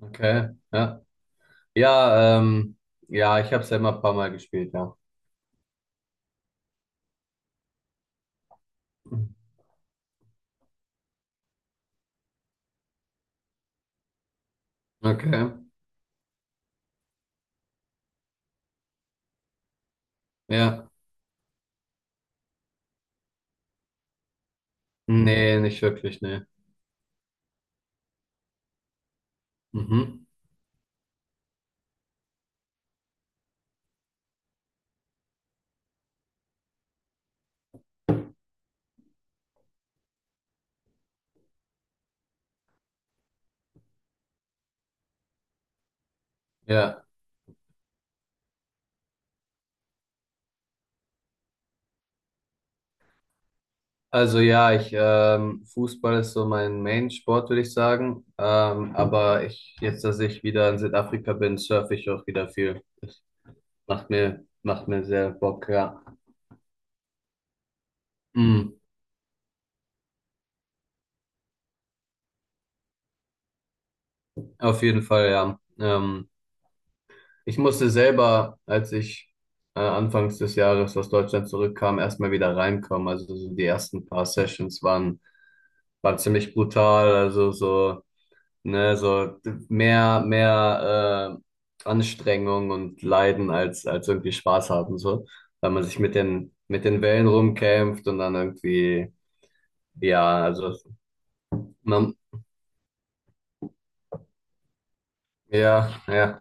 Okay, ja. Ja, ja, ich habe es selber ein paar Mal gespielt, ja. Okay, ja. Nee, nicht wirklich, nee. Mhm. Ja, also ja, ich, Fußball ist so mein Main-Sport, würde ich sagen. Aber ich, jetzt, dass ich wieder in Südafrika bin, surfe ich auch wieder viel. Das macht mir sehr Bock, ja. Mhm. Auf jeden Fall, ja. Ich musste selber, als ich anfangs des Jahres aus Deutschland zurückkam, erstmal wieder reinkommen. Also so die ersten paar Sessions waren, waren ziemlich brutal. Also so, ne, so mehr Anstrengung und Leiden als, als irgendwie Spaß haben, so, weil man sich mit den Wellen rumkämpft und dann irgendwie, ja, also man, ja, ja.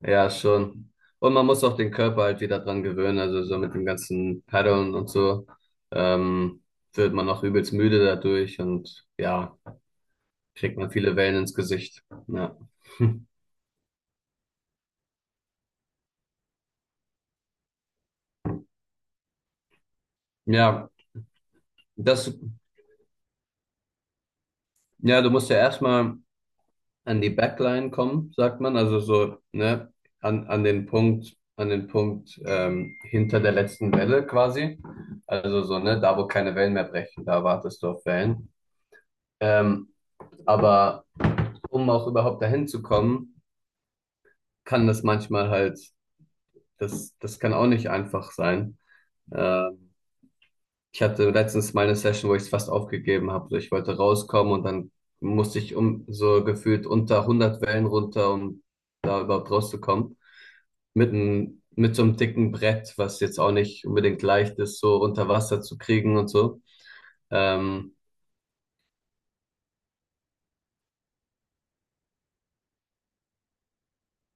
Ja, schon. Und man muss auch den Körper halt wieder dran gewöhnen. Also so mit dem ganzen Paddeln und so ähm, wird man auch übelst müde dadurch und ja, kriegt man viele Wellen ins Gesicht. Ja. Ja, das, ja, du musst ja erstmal an die Backline kommen, sagt man. Also so, ne, an, an den Punkt hinter der letzten Welle quasi. Also so, ne, da wo keine Wellen mehr brechen, da wartest du auf Wellen. Ähm, aber um auch überhaupt dahin zu kommen, kann das manchmal halt, das, das kann auch nicht einfach sein. Ähm, Ich hatte letztens mal eine Session, wo ich es fast aufgegeben habe. So, ich wollte rauskommen und dann musste ich um so gefühlt unter 100 Wellen runter, um da überhaupt rauszukommen. Mit, mit so einem dicken Brett, was jetzt auch nicht unbedingt leicht ist, so unter Wasser zu kriegen und so. Ähm,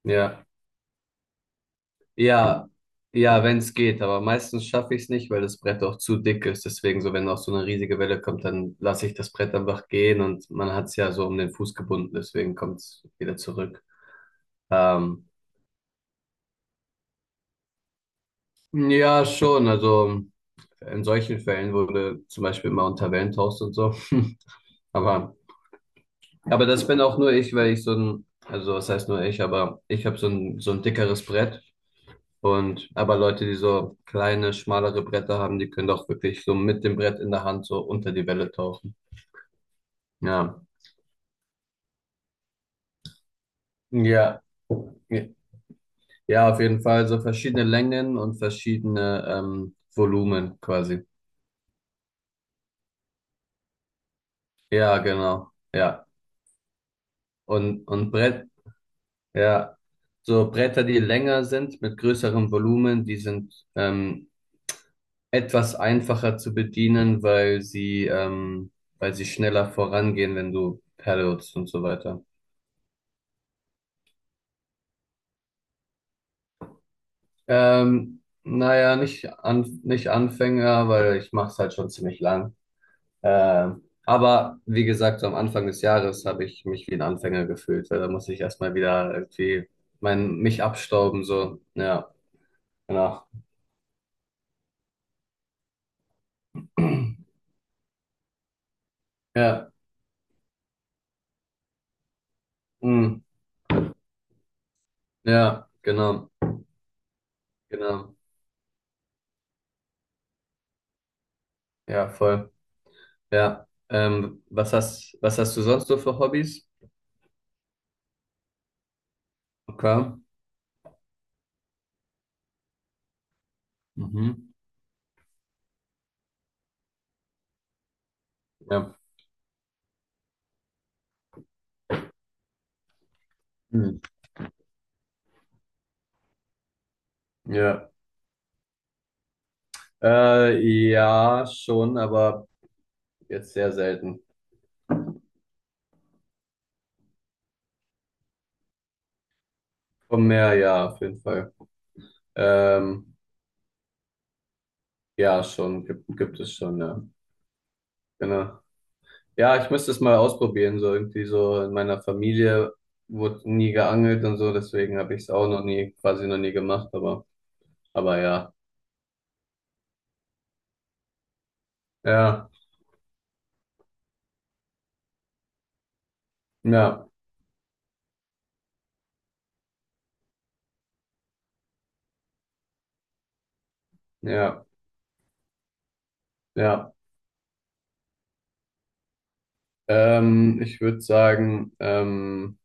ja. Ja, ja, wenn es geht, aber meistens schaffe ich es nicht, weil das Brett auch zu dick ist. Deswegen, so wenn auch so eine riesige Welle kommt, dann lasse ich das Brett einfach gehen und man hat es ja so um den Fuß gebunden, deswegen kommt es wieder zurück. Ähm, ja, schon. Also in solchen Fällen wurde zum Beispiel immer unter Wellen Wellentoast und so. Aber, aber das bin auch nur ich, weil ich so ein, also was heißt nur ich, aber ich habe so ein dickeres Brett. Und aber Leute, die so kleine, schmalere Bretter haben, die können doch wirklich so mit dem Brett in der Hand so unter die Welle tauchen. Ja. Ja. Ja, auf jeden Fall so verschiedene Längen und verschiedene Volumen quasi. Ja, genau. Ja. Und Brett, ja. So Bretter, die länger sind, mit größerem Volumen, die sind etwas einfacher zu bedienen, weil sie schneller vorangehen, wenn du paddelst und so weiter. Naja, nicht, an, nicht Anfänger, weil ich mache es halt schon ziemlich lang. Aber wie gesagt, so am Anfang des Jahres habe ich mich wie ein Anfänger gefühlt, weil da muss ich erstmal wieder irgendwie mein, mich abstauben, so. Ja, genau. Ja, mm, ja, genau, genau. Ja, voll. Ja. Was hast, was hast du sonst so für Hobbys? Okay. Mhm. Ja. Hm. Ja. Ja, schon, aber. Jetzt sehr selten. Vom Meer, ja, auf jeden Fall. Ähm, ja, schon, gibt, gibt es schon, ja. Genau. Ja, ich müsste es mal ausprobieren, so irgendwie so in meiner Familie wurde nie geangelt und so, deswegen habe ich es auch noch nie, quasi noch nie gemacht, aber ja. Ja, ja, ja, ja. Ich würde sagen,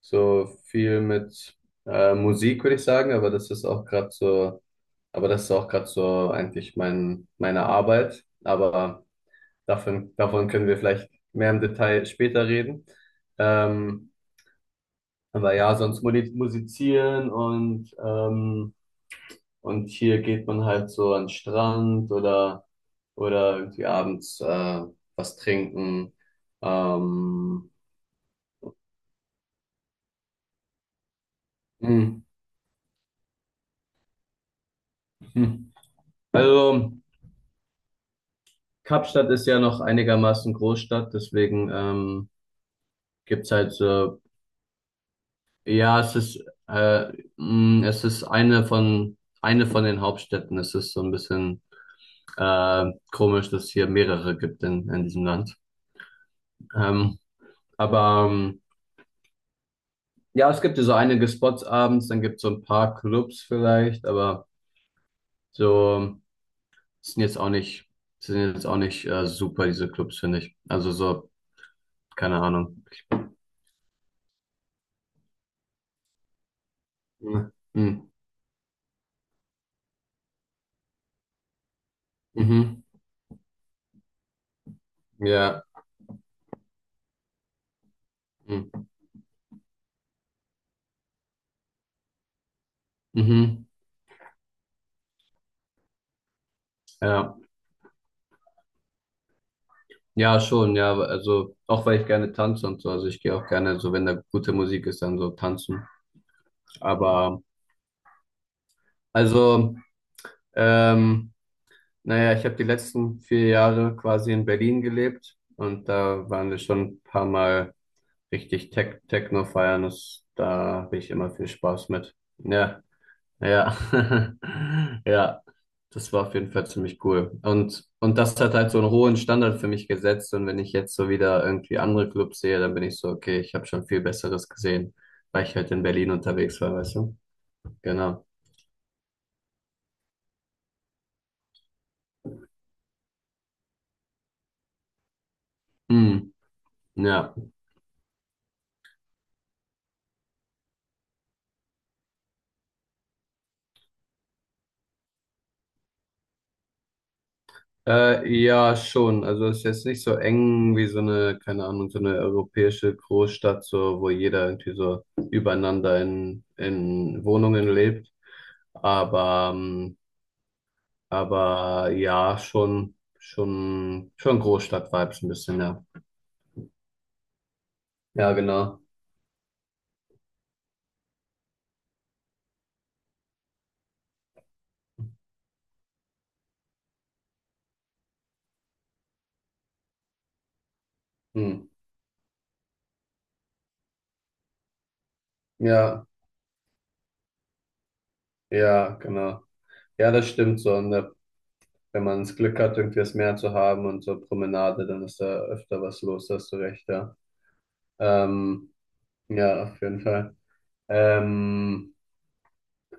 so viel mit Musik würde ich sagen, aber das ist auch gerade so, aber das ist auch gerade so eigentlich mein, meine Arbeit, aber davon, davon können wir vielleicht mehr im Detail später reden. Ähm, aber ja, sonst musizieren und hier geht man halt so an den Strand oder irgendwie abends was trinken. Ähm, hm, hm. Also Kapstadt ist ja noch einigermaßen Großstadt, deswegen gibt's halt so, ja, es ist, es ist eine von den Hauptstädten. Es ist so ein bisschen Äh, komisch, dass es hier mehrere gibt in diesem Land. Ähm, aber ja, es gibt ja so einige Spots abends, dann gibt es so ein paar Clubs vielleicht, aber so sind jetzt auch nicht, sind jetzt auch nicht super, diese Clubs, finde ich. Also so, keine Ahnung. Mhm. Mhm. Mhm. Ja. Mhm. Mhm. Ja. Ja, schon, ja. Also auch weil ich gerne tanze und so. Also ich gehe auch gerne, so wenn da gute Musik ist, dann so tanzen. Aber also, ähm, naja, ich habe die letzten 4 Jahre quasi in Berlin gelebt und da waren wir schon ein paar Mal richtig Techno feiern. Das, da habe ich immer viel Spaß mit. Ja, ja, ja. Das war auf jeden Fall ziemlich cool. Und das hat halt so einen hohen Standard für mich gesetzt. Und wenn ich jetzt so wieder irgendwie andere Clubs sehe, dann bin ich so, okay, ich habe schon viel Besseres gesehen, weil ich halt in Berlin unterwegs war, weißt du? Genau. Hm, ja. Ja, schon. Also es ist jetzt nicht so eng wie so eine, keine Ahnung, so eine europäische Großstadt, so wo jeder irgendwie so übereinander in Wohnungen lebt. Aber aber ja, schon, schon, schon Großstadt-Vibes ein bisschen, ja. Ja, genau. Hm. Ja, ja, genau. Ja, das stimmt so. Wenn man das Glück hat, irgendwie das Meer zu haben und so Promenade, dann ist da öfter was los, da hast du recht, ja. Ähm, ja, auf jeden Fall. Ähm,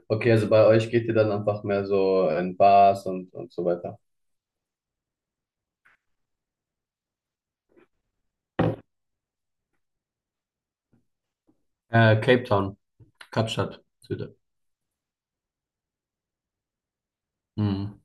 okay, also bei euch geht ihr dann einfach mehr so in Bars und so weiter. Cape Town, Kapstadt, Süde. Mhm.